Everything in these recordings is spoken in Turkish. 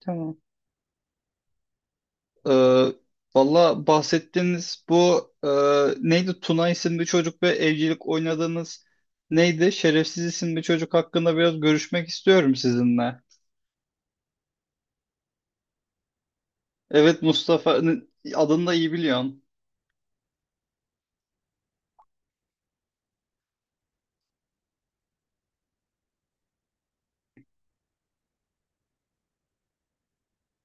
Tamam. Ee, Valla bahsettiğiniz bu neydi? Tuna isimli çocuk ve evcilik oynadığınız neydi? Şerefsiz isimli çocuk hakkında biraz görüşmek istiyorum sizinle. Evet Mustafa adını da iyi biliyorsun.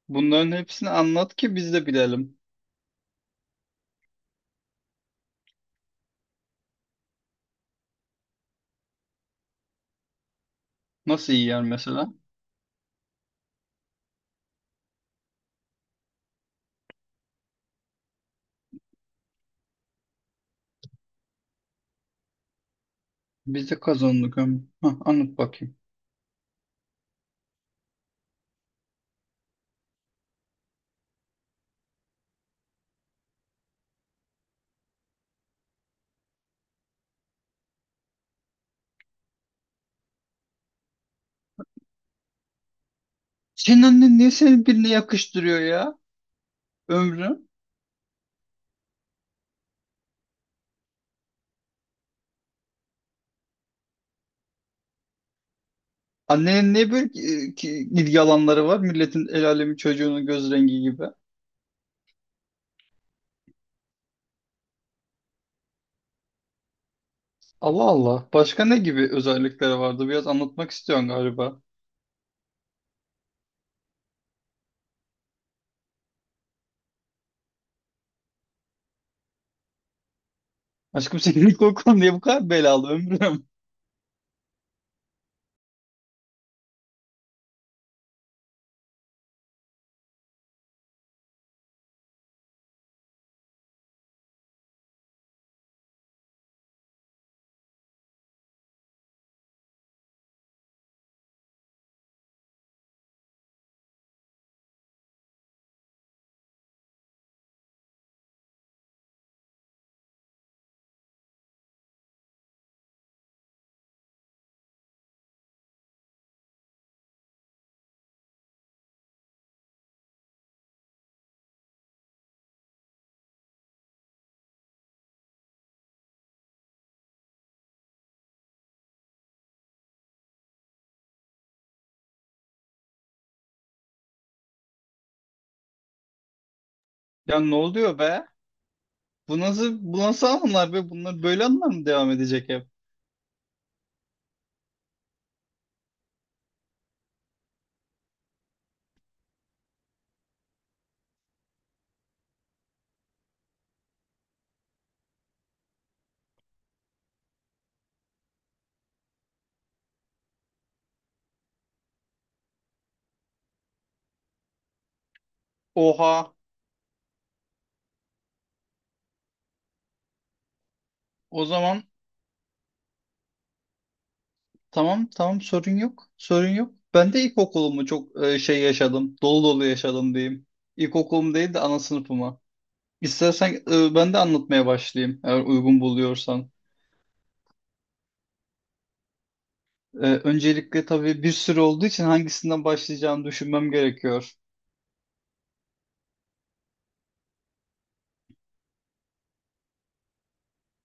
Bunların hepsini anlat ki biz de bilelim. Nasıl yiyor mesela? Biz de kazandık ömrü. Hah, anlat bakayım. Senin annen niye seni birine yakıştırıyor ya ömrü? Annenin niye böyle ilgi alanları var? Milletin el alemin çocuğunun göz rengi gibi. Allah Allah. Başka ne gibi özellikleri vardı? Biraz anlatmak istiyorsun galiba. Aşkım senin ilk okulun diye bu kadar belalı ömrüm. Ya ne oluyor be? Bu nasıl, bu nasıl anılar be? Bunlar böyle anılar mı devam edecek hep? Oha. O zaman tamam tamam sorun yok. Sorun yok. Ben de ilkokulumu çok şey yaşadım. Dolu dolu yaşadım diyeyim. İlkokulum değil de ana sınıfıma. İstersen ben de anlatmaya başlayayım eğer uygun buluyorsan. Öncelikle tabii bir sürü olduğu için hangisinden başlayacağımı düşünmem gerekiyor.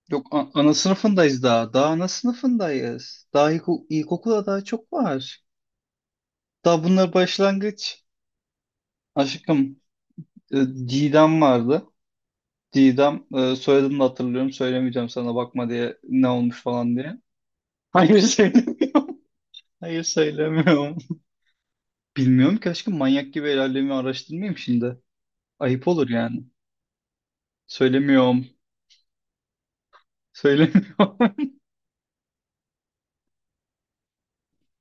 Yok ana sınıfındayız daha. Daha ana sınıfındayız. Daha ilkokulda daha çok var. Daha bunlar başlangıç. Aşkım e, Didem vardı. Didem soyadını da hatırlıyorum. Söylemeyeceğim sana bakma diye ne olmuş falan diye. Hayır söyle. Hayır söylemiyorum. Bilmiyorum ki aşkım manyak gibi ilerlemi araştırmayayım şimdi. Ayıp olur yani. Söylemiyorum. Söylemiyorum.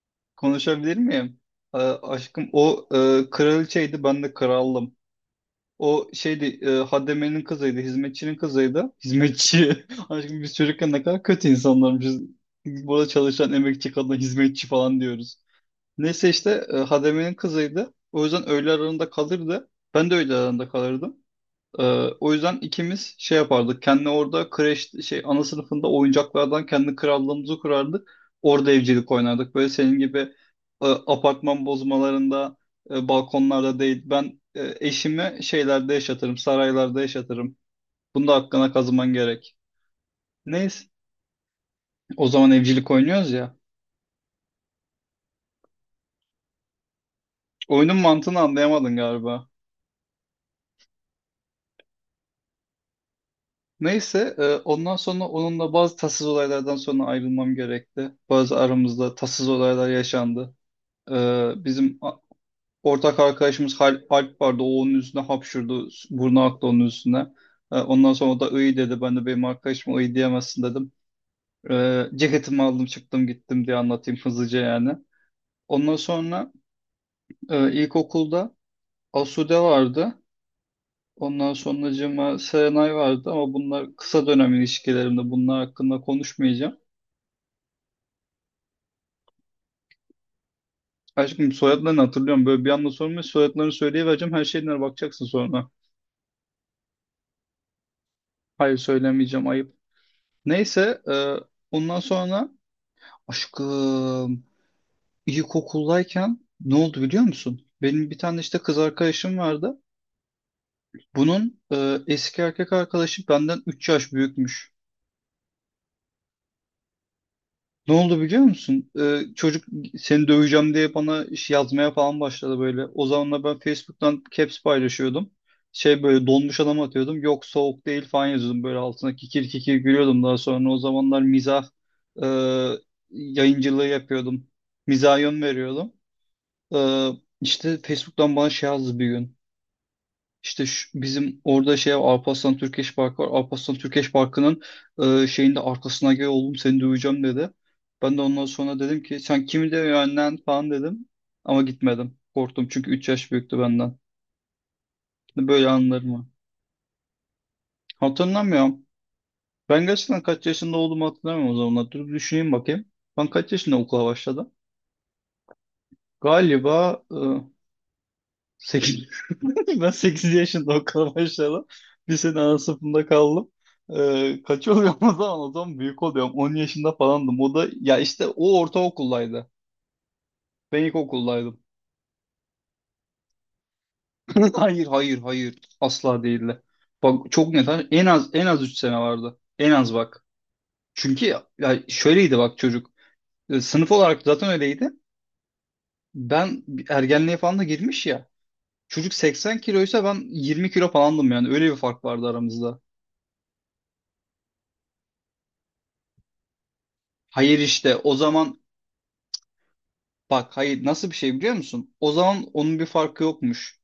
Konuşabilir miyim? Aşkım o kraliçeydi ben de kraldım. O şeydi Hademe'nin kızıydı, hizmetçinin kızıydı. Hizmetçi. Aşkım biz çocukken ne kadar kötü insanlarmışız. Burada çalışan emekçi kadına hizmetçi falan diyoruz. Neyse işte Hademe'nin kızıydı. O yüzden öğle aralarında kalırdı. Ben de öğle aralarında kalırdım. Ee, O yüzden ikimiz şey yapardık. Kendi orada kreş şey ana sınıfında oyuncaklardan kendi krallığımızı kurardık. Orada evcilik oynardık. Böyle senin gibi apartman bozmalarında, balkonlarda değil. Ben eşimi şeylerde yaşatırım, saraylarda yaşatırım. Bunda hakkına kazıman gerek. Neyse. O zaman evcilik oynuyoruz ya. Oyunun mantığını anlayamadın galiba. Neyse, ondan sonra onunla bazı tatsız olaylardan sonra ayrılmam gerekti. Bazı aramızda tatsız olaylar yaşandı. Bizim ortak arkadaşımız Alp vardı. O onun üstüne hapşurdu. Burnu aktı onun üstüne. Ondan sonra o da iyi dedi. Ben de benim arkadaşıma iyi diyemezsin dedim. Ceketimi aldım çıktım gittim diye anlatayım hızlıca yani. Ondan sonra ilkokulda Asude vardı. Ondan sonracığıma Serenay vardı ama bunlar kısa dönem ilişkilerimde bunlar hakkında konuşmayacağım. Aşkım soyadlarını hatırlıyorum. Böyle bir anda sormayı soyadlarını söyleyivereceğim. Her şeyine bakacaksın sonra. Hayır söylemeyeceğim. Ayıp. Neyse ondan sonra aşkım ilkokuldayken ne oldu biliyor musun? Benim bir tane işte kız arkadaşım vardı. Bunun eski erkek arkadaşı benden 3 yaş büyükmüş. Ne oldu biliyor musun? Çocuk seni döveceğim diye bana iş yazmaya falan başladı böyle. O zamanlar ben Facebook'tan caps paylaşıyordum. Şey böyle donmuş adam atıyordum. Yok soğuk değil falan yazıyordum böyle altına kikir kikir gülüyordum daha sonra. O zamanlar mizah e, yayıncılığı yapıyordum. Mizaha yön veriyordum. Ee, işte Facebook'tan bana şey yazdı bir gün. İşte bizim orada şey var, Alparslan Türkeş Parkı var. Alparslan Türkeş Parkı'nın şeyin de arkasına gel oğlum seni duyacağım dedi. Ben de ondan sonra dedim ki sen kimi dövüyorsun lan falan dedim. Ama gitmedim. Korktum çünkü 3 yaş büyüktü benden. Böyle anlar mı? Hatırlamıyorum. Ben gerçekten kaç yaşında olduğumu hatırlamıyorum o zamanlar. Dur düşüneyim bakayım. Ben kaç yaşında okula başladım? Galiba 8. Ben 8 yaşında okula başladım. Bir sene ana sınıfında kaldım. Kaç oluyorum o zaman? O zaman büyük oluyorum. 10 yaşında falandım. O da ya işte o ortaokuldaydı. Ben ilkokuldaydım. Hayır hayır hayır. Asla değildi. Bak çok net. En az en az 3 sene vardı. En az bak. Çünkü ya şöyleydi bak çocuk. Sınıf olarak zaten öyleydi. Ben ergenliğe falan da girmiş ya. Çocuk 80 kiloysa ben 20 kilo falandım yani. Öyle bir fark vardı aramızda. Hayır işte o zaman bak hayır nasıl bir şey biliyor musun? O zaman onun bir farkı yokmuş.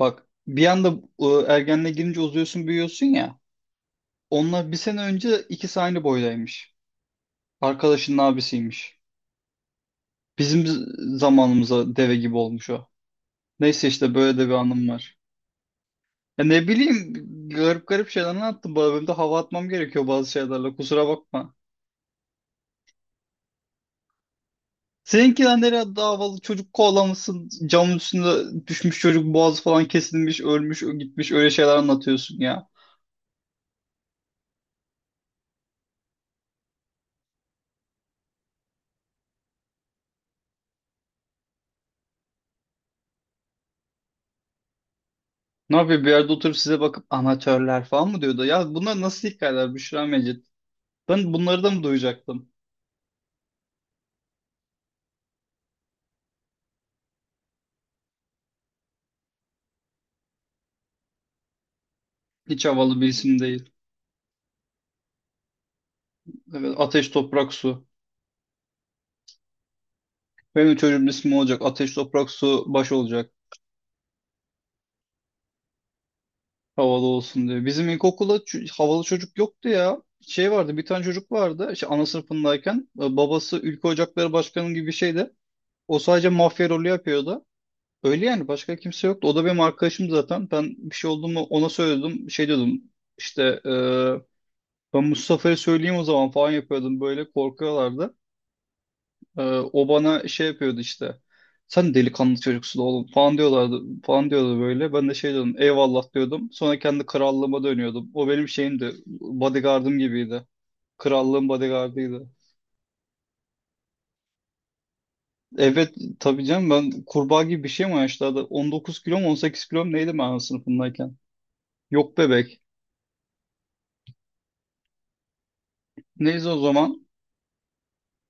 Bak bir anda ergenliğe girince uzuyorsun büyüyorsun ya. Onunla bir sene önce ikisi aynı boydaymış. Arkadaşının abisiymiş. Bizim zamanımıza deve gibi olmuş o. Neyse işte böyle de bir anım var. Ya ne bileyim garip garip şeyler anlattım. Bu bölümde hava atmam gerekiyor bazı şeylerle kusura bakma. Seninkiler nereye davalı çocuk kovalamışsın camın üstünde düşmüş çocuk boğazı falan kesilmiş ölmüş gitmiş öyle şeyler anlatıyorsun ya. Ne yapıyor bir yerde oturup size bakıp amatörler falan mı diyordu? Ya bunlar nasıl hikayeler Büşra Mecit? Ben bunları da mı duyacaktım? Hiç havalı bir isim değil. Evet, Ateş Toprak Su. Benim çocuğumun ismi olacak. Ateş Toprak Su baş olacak. Havalı olsun diye. Bizim ilkokulda havalı çocuk yoktu ya şey vardı bir tane çocuk vardı işte ana sınıfındayken babası Ülke Ocakları Başkanı gibi bir şeydi. O sadece mafya rolü yapıyordu. Öyle yani başka kimse yoktu. O da benim arkadaşım zaten. Ben bir şey oldu mu ona söyledim. Şey diyordum işte ben Mustafa'ya söyleyeyim o zaman falan yapıyordum. Böyle korkuyorlardı. E, O bana şey yapıyordu işte. Sen delikanlı çocuksun oğlum falan diyorlardı. Falan diyordu böyle. Ben de şey diyordum eyvallah diyordum. Sonra kendi krallığıma dönüyordum. O benim şeyimdi. Bodyguardım gibiydi. Krallığın bodyguardıydı. Evet tabii canım ben kurbağa gibi bir şey mi yaşlarda 19 kilo mu 18 kilo mu neydi ben sınıfındayken? Yok bebek. Neyse o zaman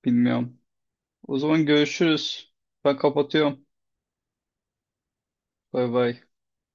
bilmiyorum. O zaman görüşürüz. Ben kapatıyorum. Bay bay.